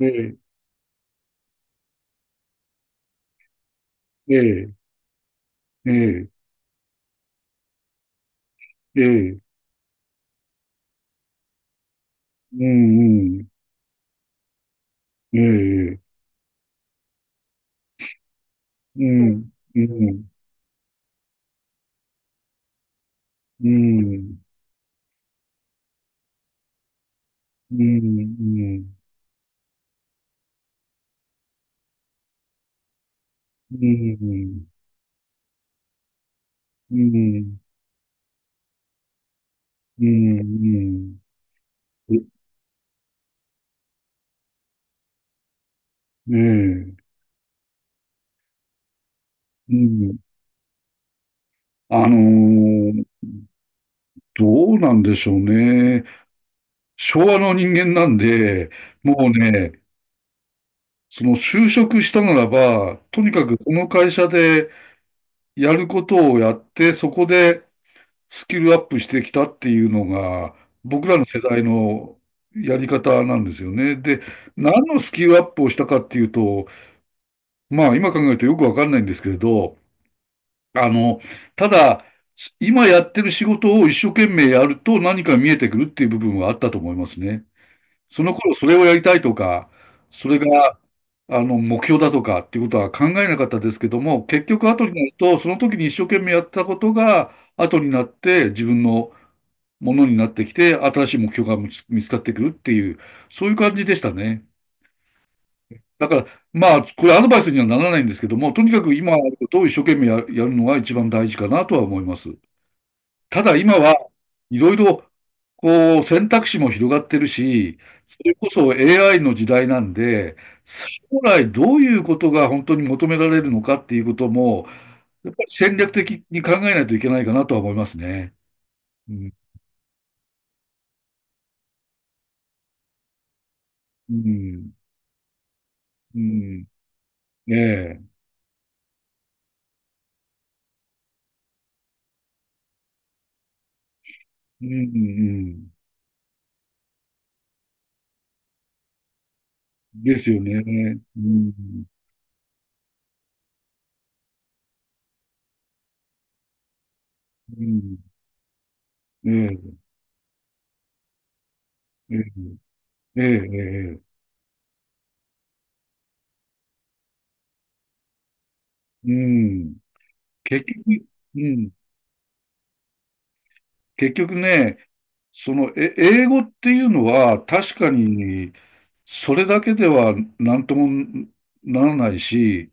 ええ、ええ、ええ、ええ、うん、うん、ええ、ううん、ん。うん、うん、うん、うん、うん、うん、うん、ええ、うん。あのーどうなんでしょうね。昭和の人間なんで、もうね、その就職したならば、とにかくこの会社でやることをやって、そこでスキルアップしてきたっていうのが、僕らの世代のやり方なんですよね。で、何のスキルアップをしたかっていうと、まあ今考えるとよくわかんないんですけれど、あの、ただ、今やってる仕事を一生懸命やると何か見えてくるっていう部分はあったと思いますね。その頃それをやりたいとか、それが、目標だとかっていうことは考えなかったですけども、結局後になると、その時に一生懸命やったことが後になって自分のものになってきて、新しい目標が見つかってくるっていう、そういう感じでしたね。だから、まあ、これアドバイスにはならないんですけども、とにかく今あることを一生懸命ややるのが一番大事かなとは思います。ただ今はいろいろ、こう、選択肢も広がってるし、それこそ AI の時代なんで、将来どういうことが本当に求められるのかっていうことも、やっぱり戦略的に考えないといけないかなとは思いますね。うん。うん。うん。ええ。うんうん。ですよね。うん、うん。ええ、ええ、ええ、ええうん。結局、うん。結局ね、英語っていうのは確かに、それだけでは何ともならないし、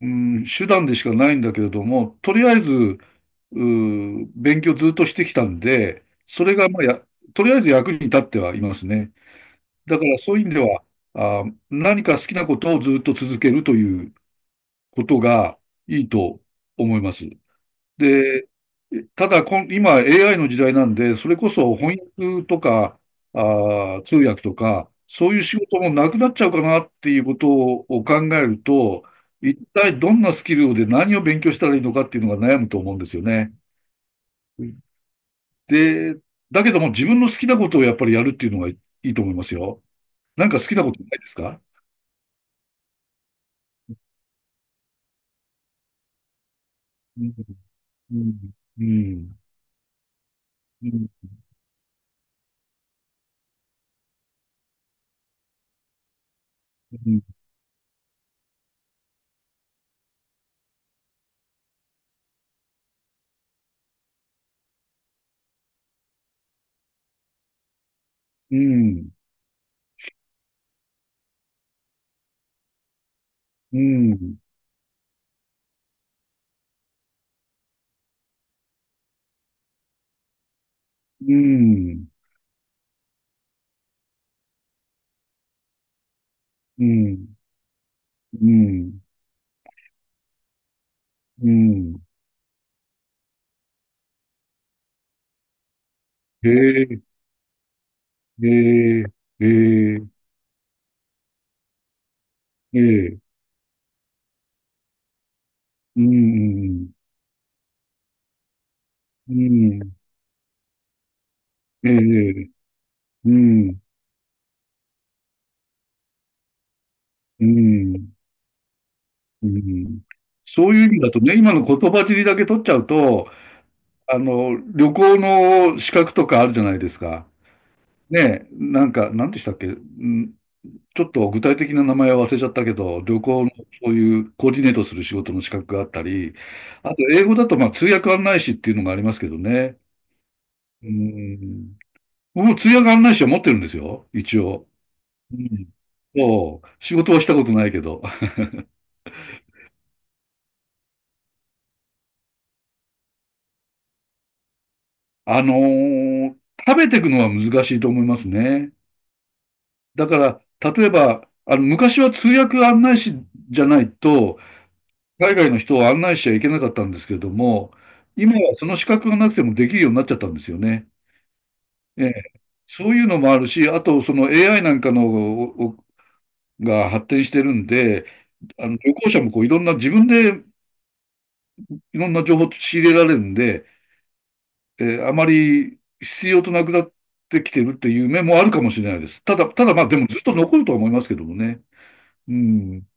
うん、手段でしかないんだけれども、とりあえず、勉強ずっとしてきたんで、それがまあとりあえず役に立ってはいますね。だからそういう意味では、何か好きなことをずっと続けるということがいいと思います。で、ただ今 AI の時代なんで、それこそ翻訳とか、あ通訳とか、そういう仕事もなくなっちゃうかなっていうことを考えると、一体どんなスキルで何を勉強したらいいのかっていうのが悩むと思うんですよね。で、だけども自分の好きなことをやっぱりやるっていうのがいいと思いますよ。なんか好きなことないですか？うん、うん、うん、うん、うん、うん、うん、うん、うん、へえ、へえ、へえ、へえ、うん、うん、ええ、うん、うん、うん。そういう意味だとね、今の言葉尻だけ取っちゃうと、旅行の資格とかあるじゃないですか。ねえ、なんか、なんでしたっけ、ちょっと具体的な名前は忘れちゃったけど、旅行のそういうコーディネートする仕事の資格があったり、あと英語だとまあ通訳案内士っていうのがありますけどね。うん。僕も通訳案内士は持ってるんですよ、一応。うん。そう、仕事はしたことないけど。あのー食べていくのは難しいと思いますね。だから、例えば、昔は通訳案内士じゃないと、海外の人を案内しちゃいけなかったんですけれども、今はその資格がなくてもできるようになっちゃったんですよね。ええ、そういうのもあるし、あとその AI なんかのおが発展してるんで、あの旅行者もこういろんな自分でいろんな情報を仕入れられるんで、あまり必要となくなってきてるっていう面もあるかもしれないです。ただ、まあでもずっと残るとは思いますけどもね。うん。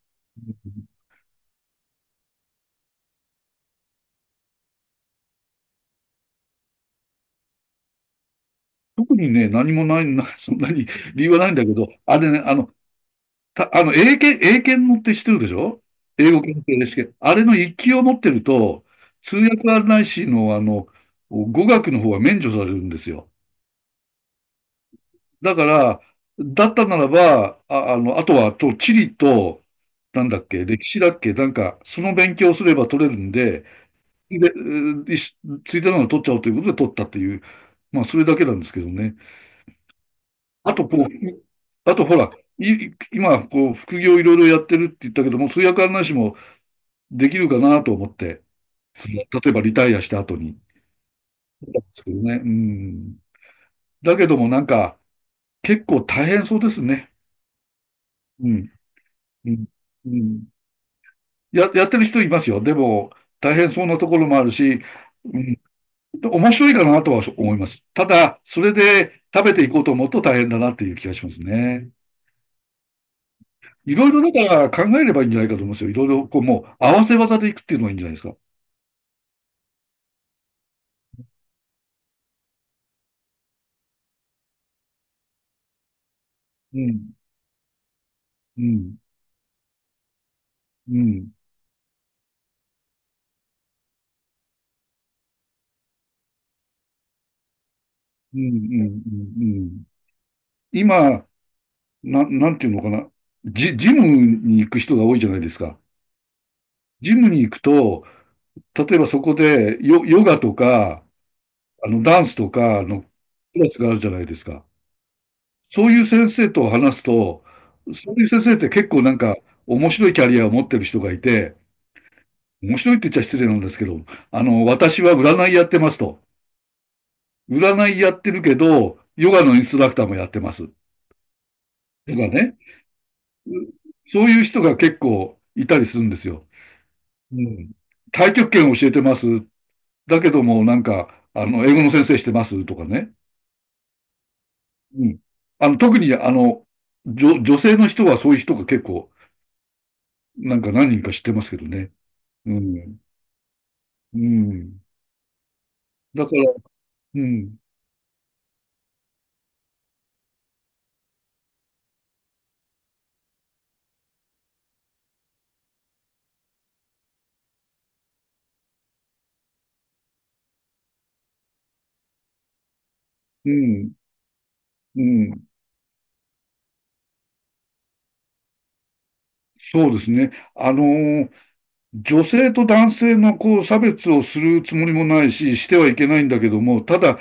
特にね、何もない、そんなに理由はないんだけど、あれね、あの、た、あの、英検、英検のって知ってるでしょ？英語検定で試験。あれの一級を持ってると、通訳案内士の、語学の方は免除されるんですよ。だから、だったならば、あとは、地理と、なんだっけ、歴史だっけ、なんか、その勉強をすれば取れるんで、で、ういしついてなのを取っちゃおうということで取ったっていう、まあ、それだけなんですけどね。あと、こう、ほら、い今、こう、副業いろいろやってるって言ったけども、通訳案内士もできるかなと思って、例えばリタイアした後に。ですけどね。うん。だけどもなんか、結構大変そうですね。うん。うん。うん。やってる人いますよ。でも、大変そうなところもあるし、うん、面白いかなとは思います。ただ、それで食べていこうと思うと大変だなっていう気がしますね。いろいろだから考えればいいんじゃないかと思いますよ。いろいろこうもう合わせ技でいくっていうのがいいんじゃないですか。うん、うん、うん、うん、うん、うん。うん今、なんていうのかな。ジムに行く人が多いじゃないですか。ジムに行くと、例えばそこでヨガとか、ダンスとかのクラスがあるじゃないですか。そういう先生と話すと、そういう先生って結構なんか面白いキャリアを持ってる人がいて、面白いって言っちゃ失礼なんですけど、私は占いやってますと。占いやってるけど、ヨガのインストラクターもやってます。とかね。そういう人が結構いたりするんですよ。うん。太極拳教えてます。だけども、なんか、英語の先生してますとかね。うん。特に、女性の人はそういう人が結構、なんか何人か知ってますけどね。うん。うん。だから、うん。うん。うん。そうですね。女性と男性のこう差別をするつもりもないし、してはいけないんだけども、ただ、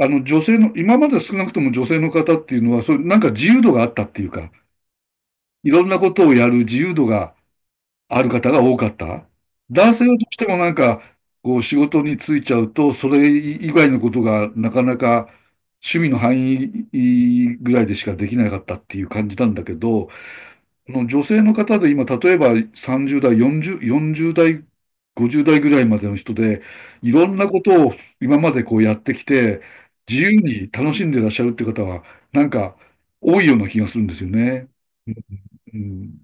女性の、今まで少なくとも女性の方っていうのは、そういうなんか自由度があったっていうか、いろんなことをやる自由度がある方が多かった男性はどうしてもなんか、こう仕事に就いちゃうと、それ以外のことがなかなか趣味の範囲ぐらいでしかできなかったっていう感じなんだけど、この女性の方で今、例えば30代、40代、50代ぐらいまでの人で、いろんなことを今までこうやってきて、自由に楽しんでらっしゃるって方は、なんか多いような気がするんですよね。うん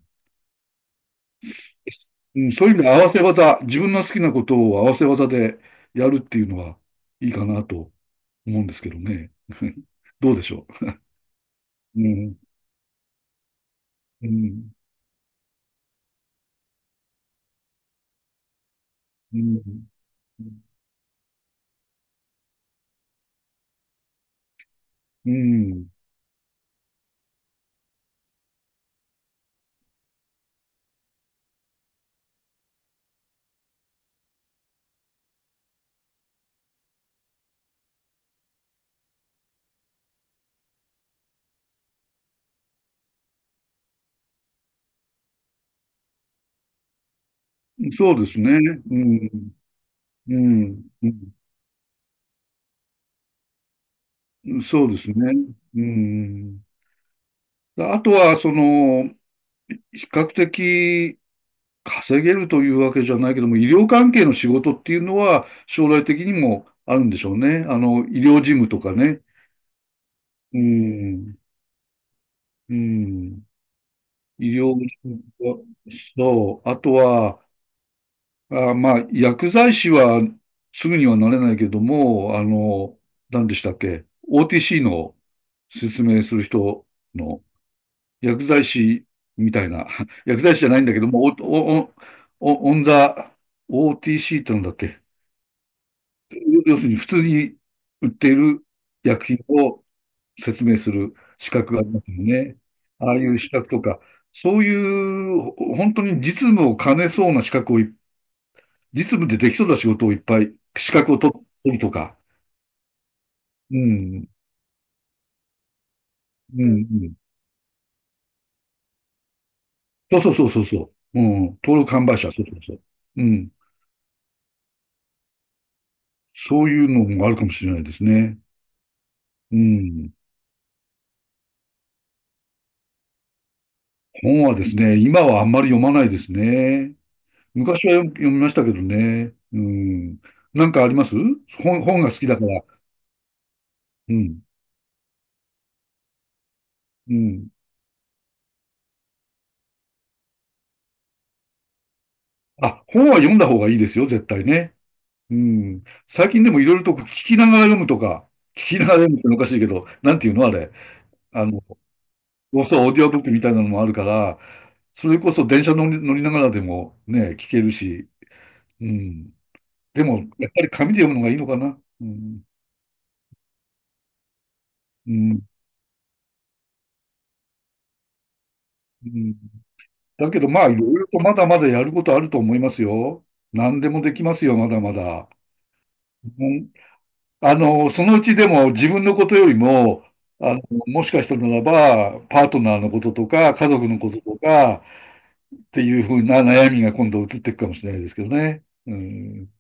うん、そういう意味で合わせ技、自分の好きなことを合わせ技でやるっていうのはいいかなと思うんですけどね。どうでしょう。うん、うん、うん、うん、そうですね。うん、うん、うんそうですね。うん。あとは、その、比較的稼げるというわけじゃないけども、医療関係の仕事っていうのは将来的にもあるんでしょうね。医療事務とかね。うん。うん。医療従事者そう。あとは、まあ、薬剤師はすぐにはなれないけども、何でしたっけ？ OTC の説明する人の薬剤師みたいな、薬剤師じゃないんだけども、お、お、お、オンザ、OTC ってなんだっけ？要するに普通に売っている薬品を説明する資格がありますよね。ああいう資格とか、そういうほ本当に実務を兼ねそうな資格を実務でできそうな仕事をいっぱい、資格を取取るとか。うん、うん、うん。そうそうそうそうそう。うん、登録販売者、そうそうそう。うん、そういうのもあるかもしれないですね。うん。本はですね、今はあんまり読まないですね。昔は読読みましたけどね。うん。なんかあります？本が好きだから。うん。うん。あ、本は読んだ方がいいですよ、絶対ね。うん。最近でもいろいろと聞きながら読むとか、聞きながら読むっておかしいけど、なんていうのあれ。あの、そう、オーディオブックみたいなのもあるから、それこそ電車乗りながらでもね、聞けるし、うん。でも、やっぱり紙で読むのがいいのかな。うん。うん。うん、だけど、まあ、いろいろとまだまだやることあると思いますよ。何でもできますよ、まだまだ。うんそのうちでも自分のことよりも、あの、もしかしたならば、パートナーのこととか、家族のこととか、っていうふうな悩みが今度移っていくかもしれないですけどね。うん